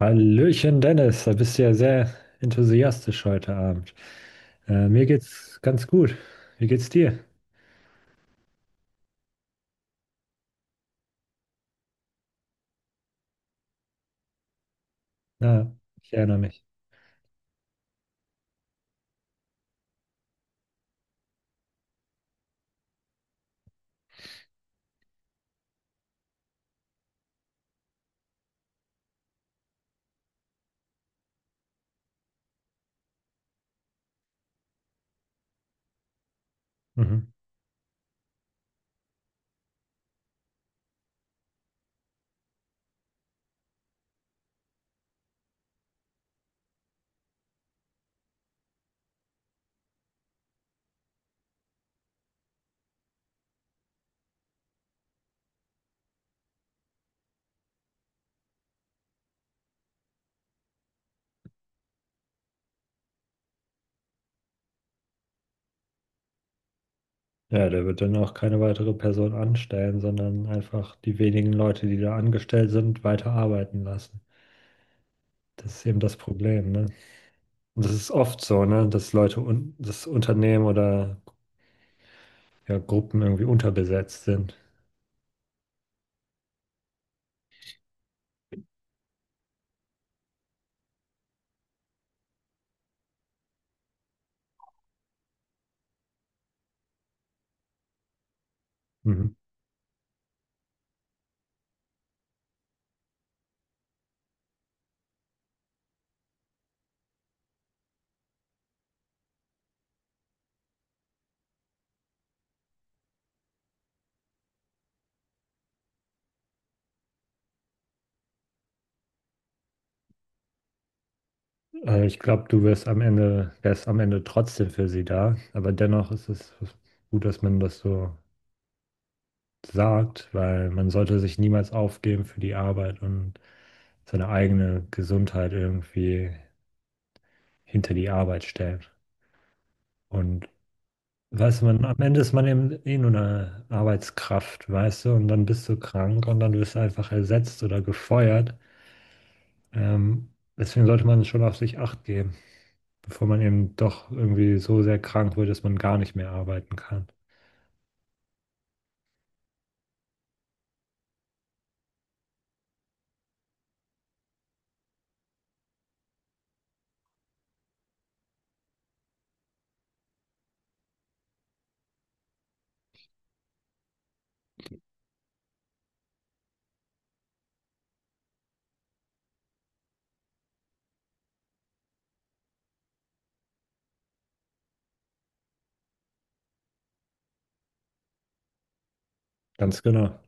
Hallöchen Dennis, da bist du ja sehr enthusiastisch heute Abend. Mir geht's ganz gut. Wie geht's dir? Na, ich erinnere mich. Mhm. Ja, der wird dann auch keine weitere Person anstellen, sondern einfach die wenigen Leute, die da angestellt sind, weiter arbeiten lassen. Das ist eben das Problem, ne? Und das ist oft so, ne, dass Leute und das Unternehmen oder ja, Gruppen irgendwie unterbesetzt sind. Mhm. Ich glaube, du wirst am Ende, wärst am Ende trotzdem für sie da. Aber dennoch ist es gut, dass man das so sagt, weil man sollte sich niemals aufgeben für die Arbeit und seine eigene Gesundheit irgendwie hinter die Arbeit stellen. Und weiß man, am Ende ist man eben eh nur eine Arbeitskraft, weißt du, und dann bist du krank und dann wirst du einfach ersetzt oder gefeuert. Ähm, Deswegen sollte man schon auf sich Acht geben, bevor man eben doch irgendwie so sehr krank wird, dass man gar nicht mehr arbeiten kann. Ganz genau.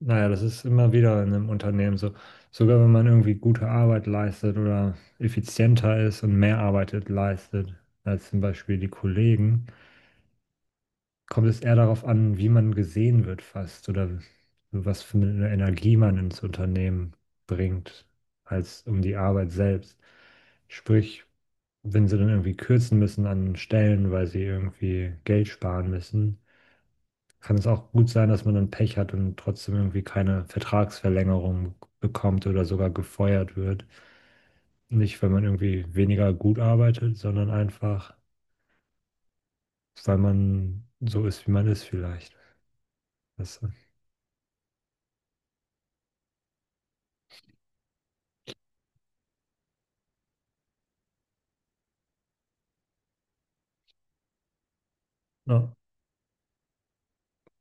Naja, das ist immer wieder in einem Unternehmen so. Sogar wenn man irgendwie gute Arbeit leistet oder effizienter ist und mehr arbeitet leistet als zum Beispiel die Kollegen, kommt es eher darauf an, wie man gesehen wird fast oder was für eine Energie man ins Unternehmen bringt, als um die Arbeit selbst. Sprich, wenn sie dann irgendwie kürzen müssen an Stellen, weil sie irgendwie Geld sparen müssen, kann es auch gut sein, dass man dann Pech hat und trotzdem irgendwie keine Vertragsverlängerung bekommt oder sogar gefeuert wird. Nicht, weil man irgendwie weniger gut arbeitet, sondern einfach, weil man so ist, wie man ist vielleicht. Das, ja.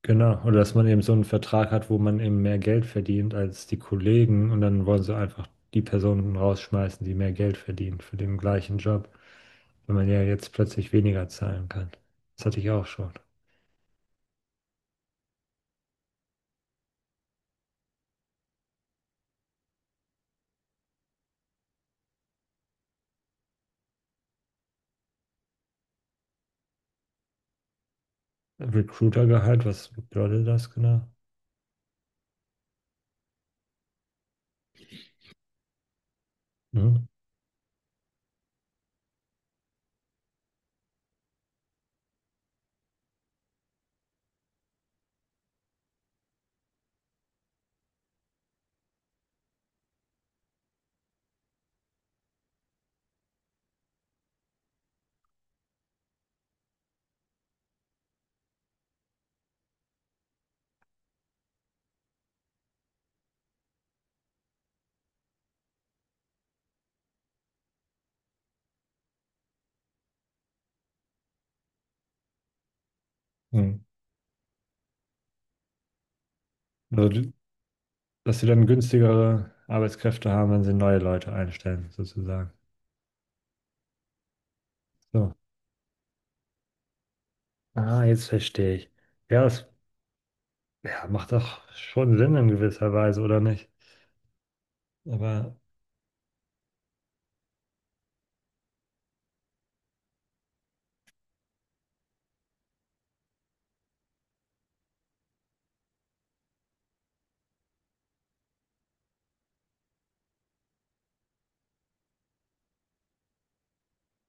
Genau, oder dass man eben so einen Vertrag hat, wo man eben mehr Geld verdient als die Kollegen und dann wollen sie einfach die Personen rausschmeißen, die mehr Geld verdienen für den gleichen Job, wenn man ja jetzt plötzlich weniger zahlen kann. Das hatte ich auch schon. Recruitergehalt, was bedeutet das genau? Mhm. Mhm. Also, die- Dass sie dann günstigere Arbeitskräfte haben, wenn sie neue Leute einstellen, sozusagen. So. Ah, jetzt verstehe ich. Ja, das ja, macht doch schon Sinn in gewisser Weise, oder nicht? Aber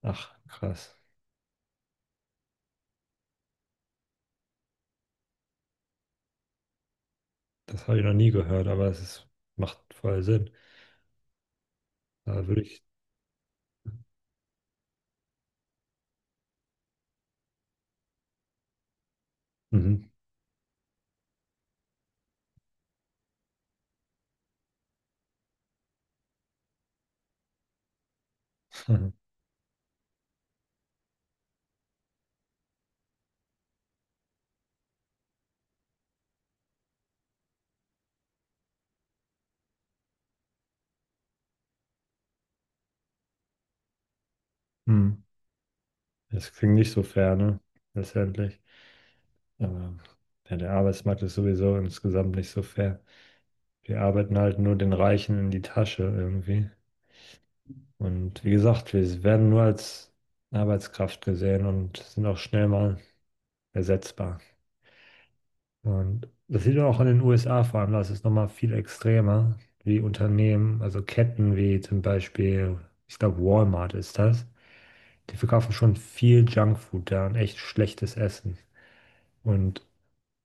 Ach, krass. Das habe ich noch nie gehört, aber es ist, macht voll Sinn. Da würde ich. Mhm. Mhm. Das klingt nicht so fair, ne? Letztendlich. Aber ja, der Arbeitsmarkt ist sowieso insgesamt nicht so fair. Wir arbeiten halt nur den Reichen in die Tasche irgendwie. Und wie gesagt, wir werden nur als Arbeitskraft gesehen und sind auch schnell mal ersetzbar. Und das sieht man auch in den USA vor allem, da ist es nochmal viel extremer, wie Unternehmen, also Ketten wie zum Beispiel, ich glaube Walmart ist das, die verkaufen schon viel Junkfood da und echt schlechtes Essen. Und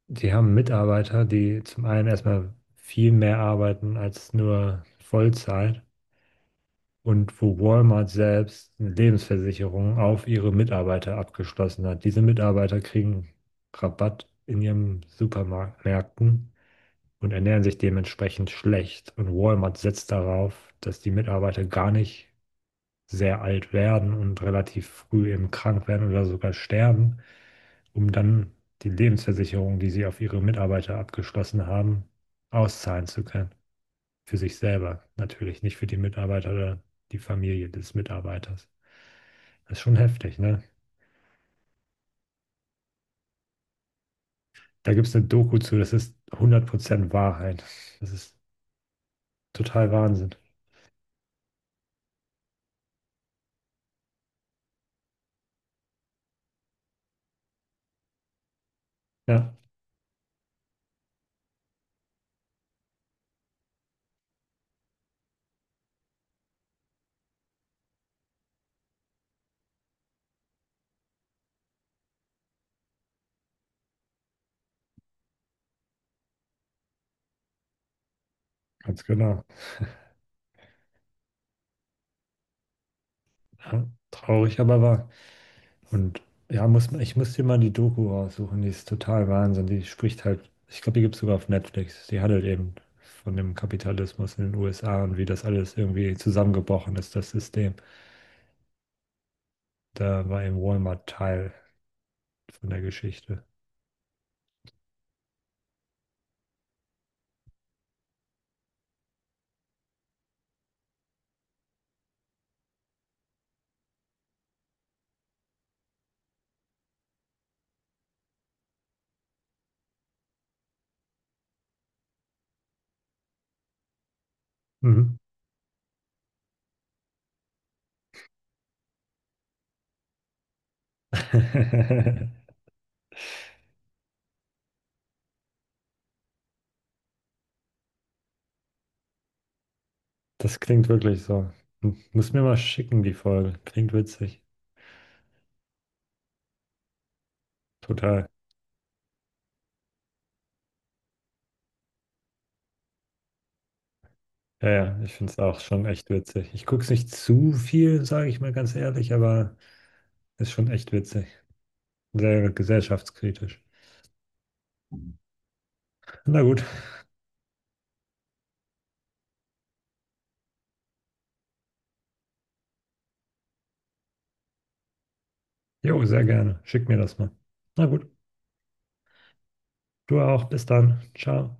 die haben Mitarbeiter, die zum einen erstmal viel mehr arbeiten als nur Vollzeit und wo Walmart selbst eine Lebensversicherung auf ihre Mitarbeiter abgeschlossen hat. Diese Mitarbeiter kriegen Rabatt in ihren Supermärkten und ernähren sich dementsprechend schlecht. Und Walmart setzt darauf, dass die Mitarbeiter gar nicht sehr alt werden und relativ früh eben krank werden oder sogar sterben, um dann die Lebensversicherung, die sie auf ihre Mitarbeiter abgeschlossen haben, auszahlen zu können. Für sich selber natürlich, nicht für die Mitarbeiter oder die Familie des Mitarbeiters. Das ist schon heftig, ne? Da gibt es eine Doku zu, das ist 100% Wahrheit. Das ist total Wahnsinn. Ja, ganz genau. Ja, traurig, aber wahr. Und ja, ich muss dir mal die Doku raussuchen, die ist total Wahnsinn. Die spricht halt, ich glaube, die gibt es sogar auf Netflix. Die handelt eben von dem Kapitalismus in den USA und wie das alles irgendwie zusammengebrochen ist, das System. Da war eben Walmart Teil von der Geschichte. Mhm. Das klingt wirklich so. Hm, muss mir mal schicken, die Folge. Klingt witzig. Total. Ja, ja, ich finde es auch schon echt witzig. Ich gucke es nicht zu viel, sage ich mal ganz ehrlich, aber. Ist schon echt witzig. Sehr gesellschaftskritisch. Na gut. Jo, sehr gerne. Schick mir das mal. Na gut. Du auch. Bis dann. Ciao.